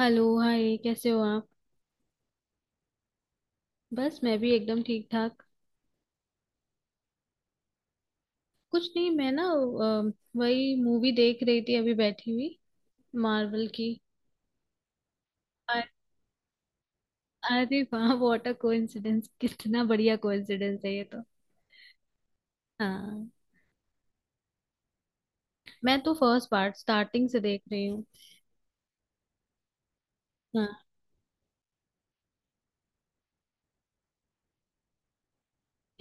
Hello, hi, कैसे हो आप। बस मैं भी एकदम ठीक ठाक। कुछ नहीं, मैं ना वही मूवी देख रही थी, अभी बैठी हुई, मार्वल की। अ- अरे वाह, व्हाट अ कोइंसिडेंस, कितना बढ़िया कोइंसिडेंस है ये तो। हाँ। मैं तो फर्स्ट पार्ट स्टार्टिंग से देख रही हूँ। हाँ,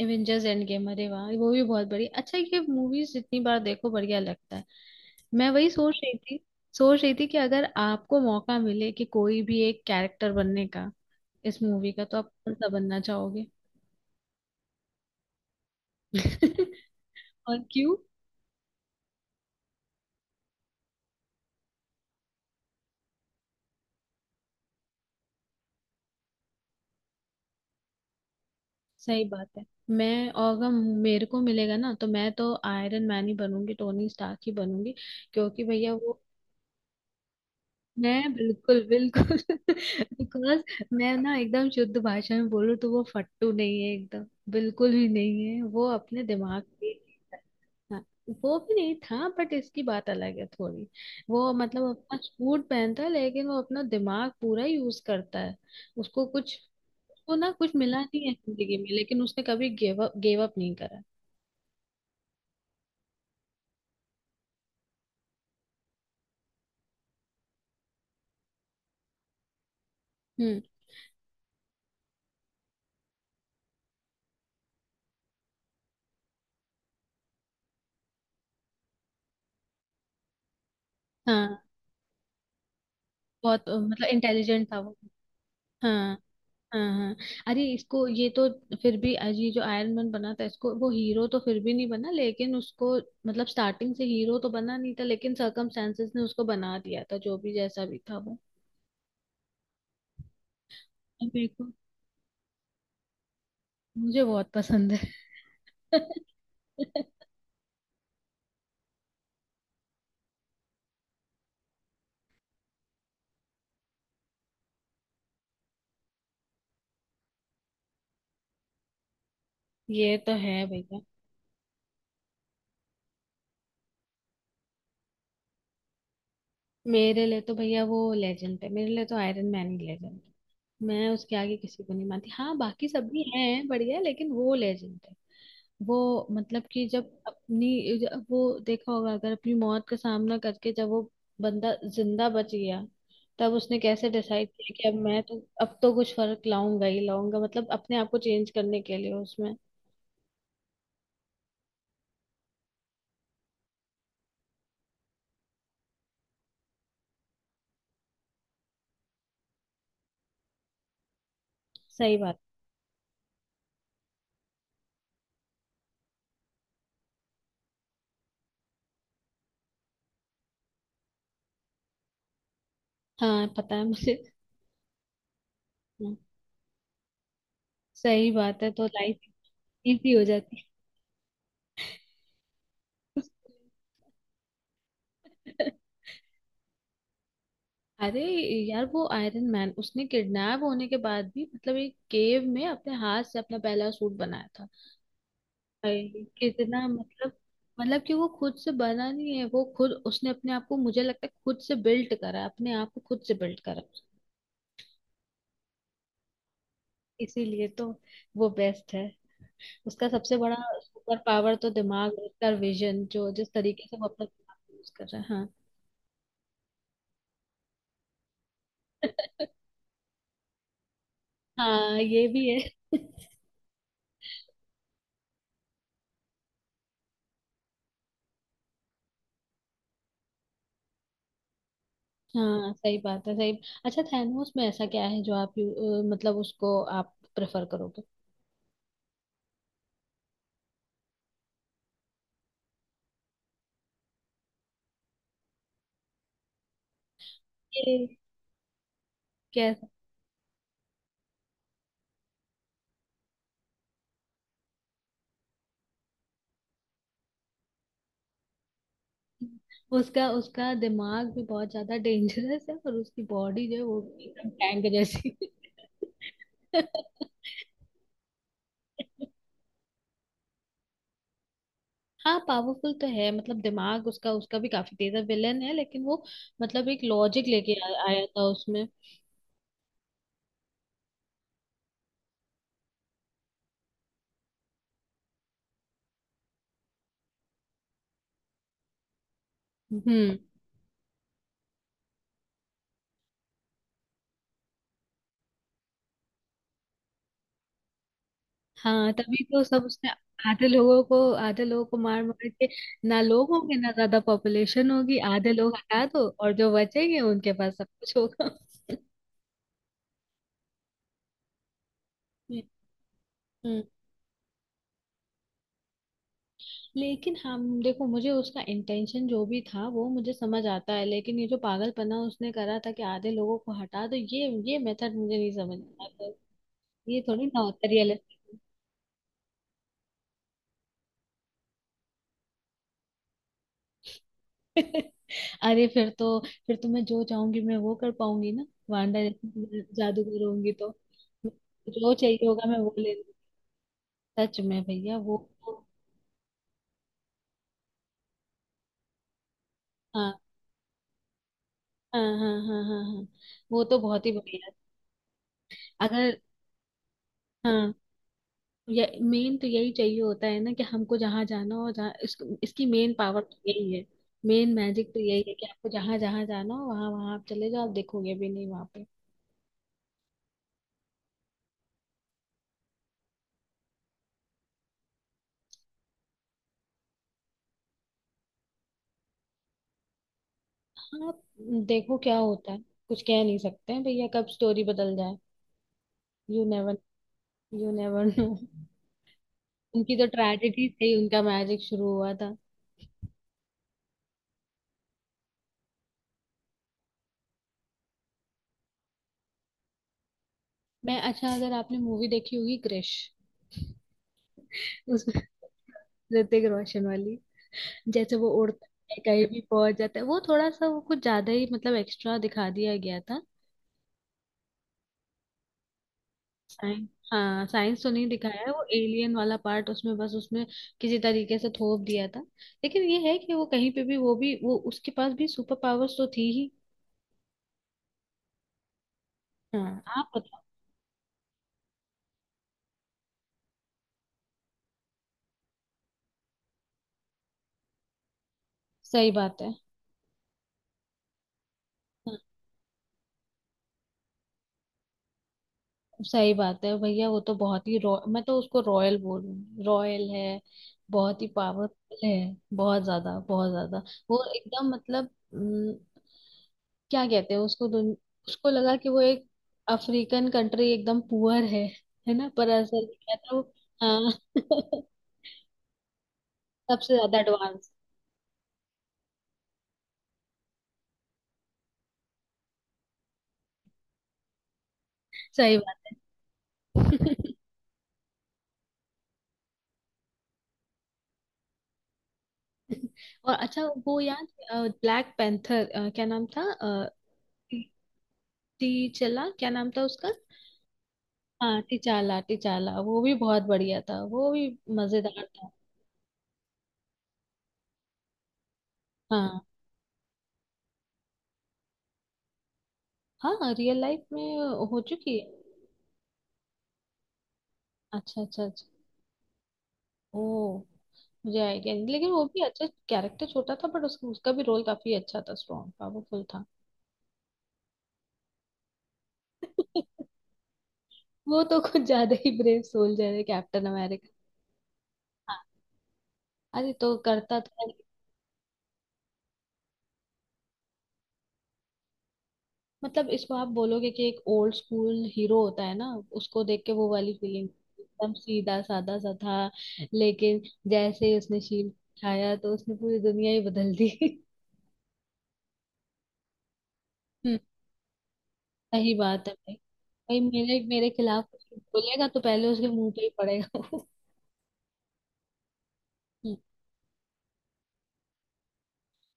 एवेंजर्स एंड गेम, अरे वाह, वो भी बहुत बढ़िया। अच्छा, ये मूवीज जितनी बार देखो बढ़िया लगता है, मैं वही सोच रही थी। सोच रही थी कि अगर आपको मौका मिले कि कोई भी एक कैरेक्टर बनने का, इस मूवी का, तो आप कौन सा बनना चाहोगे? और क्यों? सही बात है। मैं, और अगर मेरे को मिलेगा ना तो मैं तो आयरन मैन ही बनूंगी, टोनी स्टार्क ही बनूंगी, क्योंकि भैया वो। मैं बिल्कुल बिल्कुल, बिकॉज मैं ना एकदम शुद्ध भाषा में बोलूँ तो वो फट्टू नहीं है एकदम, बिल्कुल भी नहीं है वो, अपने दिमाग पे। हाँ, वो भी नहीं था, बट इसकी बात अलग है थोड़ी। वो मतलब अपना सूट पहनता है, लेकिन वो अपना दिमाग पूरा यूज करता है। उसको कुछ उसको ना कुछ मिला नहीं है जिंदगी में, लेकिन उसने कभी गिव अप नहीं करा। हम्म। हाँ, बहुत मतलब इंटेलिजेंट था वो। हाँ, हाँ, हाँ। अरे इसको ये तो, फिर भी आज ये जो आयरन मैन बना था इसको, वो हीरो तो फिर भी नहीं बना, लेकिन उसको मतलब स्टार्टिंग से हीरो तो बना नहीं था, लेकिन सर्कमस्टेंसेस ने उसको बना दिया था, जो भी जैसा भी था वो। बिल्कुल। मुझे बहुत पसंद है। ये तो है भैया। मेरे लिए तो भैया वो लेजेंड है, मेरे लिए तो आयरन मैन ही लेजेंड है, मैं उसके आगे किसी को नहीं मानती। हाँ, बाकी सब भी हैं बढ़िया, लेकिन वो लेजेंड है। वो मतलब कि जब वो देखा होगा, अगर अपनी मौत का सामना करके, जब वो बंदा जिंदा बच गया, तब उसने कैसे डिसाइड किया कि अब तो कुछ फर्क लाऊंगा ही लाऊंगा, मतलब अपने आप को चेंज करने के लिए उसमें। सही बात। हाँ, पता है मुझे। हाँ, सही बात है, तो लाइफ इजी हो जाती है। अरे यार, वो आयरन मैन, उसने किडनैप होने के बाद भी मतलब एक केव में अपने हाथ से अपना पहला सूट बनाया था। भाई, कितना मतलब, मतलब कि वो खुद से बना नहीं है, वो खुद उसने अपने आप को, मुझे लगता है खुद से बिल्ड करा, अपने आप को खुद से बिल्ड करा। इसीलिए तो वो बेस्ट है। उसका सबसे बड़ा सुपर पावर तो दिमाग, उसका विजन, जो जिस तरीके से वो अपना दिमाग यूज कर रहा है। हाँ। हाँ, ये भी है। हाँ, सही बात है, सही। अच्छा, थैनोस में ऐसा क्या है जो आप मतलब उसको आप प्रेफर करोगे? ये कैसा? उसका उसका दिमाग भी बहुत ज्यादा डेंजरस है, और उसकी बॉडी जो है वो भी एकदम टैंक जैसी। हाँ, पावरफुल तो है, मतलब दिमाग उसका, भी काफी तेज है, विलेन है लेकिन वो मतलब एक लॉजिक लेके आया था उसमें। हम्म। हाँ, तभी तो सब उसने, आधे लोगों को, आधे लोगों को मार मार के, ना लोग होंगे ना ज्यादा पॉपुलेशन होगी, आधे लोग हटा दो और जो बचेंगे उनके पास सब कुछ होगा। हम्म, हम्म। लेकिन हम देखो, मुझे उसका इंटेंशन जो भी था वो मुझे समझ आता है, लेकिन ये जो पागलपना उसने करा था कि आधे लोगों को हटा दो, ये मेथड मुझे नहीं समझ आता, ये थोड़ी ना होता रियलिस्टिक। अरे फिर तो मैं जो चाहूंगी मैं वो कर पाऊंगी ना, वांडा जैसी जादूगर होंगी तो जो चाहिए होगा मैं वो ले लूंगी। सच में भैया वो, वो- हाँ, हाँ, हाँ, हाँ, हाँ, हाँ, वो तो बहुत ही बढ़िया है। अगर, हाँ, ये मेन तो यही चाहिए होता है ना कि हमको जहाँ जाना हो, जहाँ इसको, इसकी मेन पावर तो यही है, मेन मैजिक तो यही है कि आपको जहाँ जहाँ जाना हो, वहाँ वहाँ आप चले जाओ, आप देखोगे भी नहीं वहाँ पे। हाँ, देखो क्या होता है, कुछ कह नहीं सकते हैं भैया, कब स्टोरी बदल जाए। You never you never no. उनकी तो ट्रेजेडी से ही उनका मैजिक शुरू हुआ था। मैं, अच्छा, अगर आपने मूवी देखी होगी क्रिश, उसमें, ऋतिक रोशन वाली, जैसे वो उड़ता है कहीं भी पहुंच जाता है, वो थोड़ा सा वो कुछ ज्यादा ही मतलब एक्स्ट्रा दिखा दिया गया था। साइंस, हाँ, साइंस तो नहीं दिखाया है, वो एलियन वाला पार्ट उसमें, बस उसमें किसी तरीके से थोप दिया था। लेकिन ये है कि वो कहीं पे भी, वो उसके पास भी सुपर पावर्स तो थी ही। हाँ, आप बताओ। सही बात है, सही बात है भैया, वो तो बहुत ही रॉ, मैं तो उसको रॉयल बोलूँ, रॉयल है, बहुत ही पावरफुल है, बहुत ज्यादा बहुत ज्यादा, वो एकदम मतलब। हम्म, क्या कहते हैं उसको, उसको लगा कि वो एक अफ्रीकन कंट्री एकदम पुअर है ना? पर असल में क्या था वो। हाँ। सबसे ज्यादा एडवांस, सही बात है। और अच्छा, वो याद, ब्लैक पैंथर, क्या नाम था, टी चला क्या नाम था उसका? हाँ, टिचाला, टिचाला वो भी बहुत बढ़िया था, वो भी मजेदार था। हाँ। हाँ, रियल लाइफ में हो चुकी है। अच्छा, अच्छा, अच्छा। ओ, मुझे आइडिया नहीं, लेकिन वो भी अच्छा कैरेक्टर, छोटा था बट उसका उसका भी रोल काफी अच्छा था, स्ट्रॉन्ग पावरफुल था। वो तो कुछ ज्यादा ही ब्रेव सोल्जर है, कैप्टन अमेरिका। हाँ, अरे तो करता था। मतलब इसको आप बोलोगे कि एक ओल्ड स्कूल हीरो होता है ना, उसको देख के वो वाली फीलिंग, एकदम सीधा साधा सा था, लेकिन जैसे ही उसने शील्ड उठाया तो उसने पूरी दुनिया ही बदल दी। हम्म, सही बात है भाई। भाई, मेरे मेरे खिलाफ कुछ बोलेगा तो पहले उसके मुंह पे ही पड़ेगा वो। हम्म,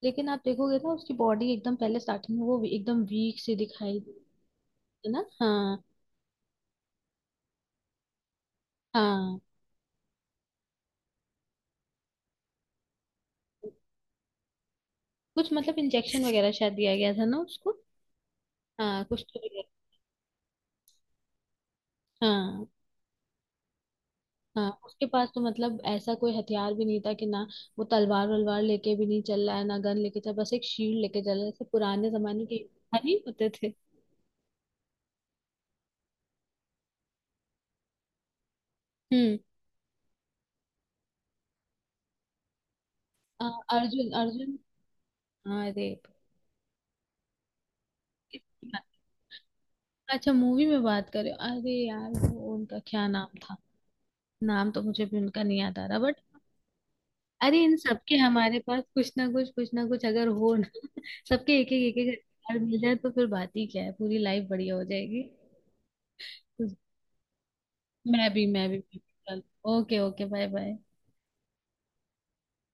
लेकिन आप देखोगे ना, उसकी बॉडी एकदम पहले स्टार्टिंग में वो एकदम वीक सी दिखाई दी, है ना। हाँ, हाँ। कुछ मतलब इंजेक्शन वगैरह शायद दिया गया था ना उसको। हाँ, कुछ तो दिया। हाँ। हाँ, उसके पास तो मतलब ऐसा कोई हथियार भी नहीं था कि ना, वो तलवार वलवार लेके भी नहीं चल रहा है ना, गन लेके चल, बस एक शील्ड लेके चल रहा है, जैसे पुराने जमाने के युद्ध नहीं होते थे। हम्म अ, अर्जुन, अर्जुन, हाँ, अरे। अच्छा, मूवी में बात करें, अरे यार, वो उनका क्या नाम था? नाम तो मुझे भी उनका नहीं याद आ रहा, बट। अरे, इन सबके हमारे पास कुछ ना कुछ, कुछ ना कुछ अगर हो ना, सबके एक एक एक एक हथियार मिल जाए, तो फिर बात ही क्या है, पूरी लाइफ बढ़िया हो जाएगी। मैं भी, मैं भी। Okay, okay, bye, bye.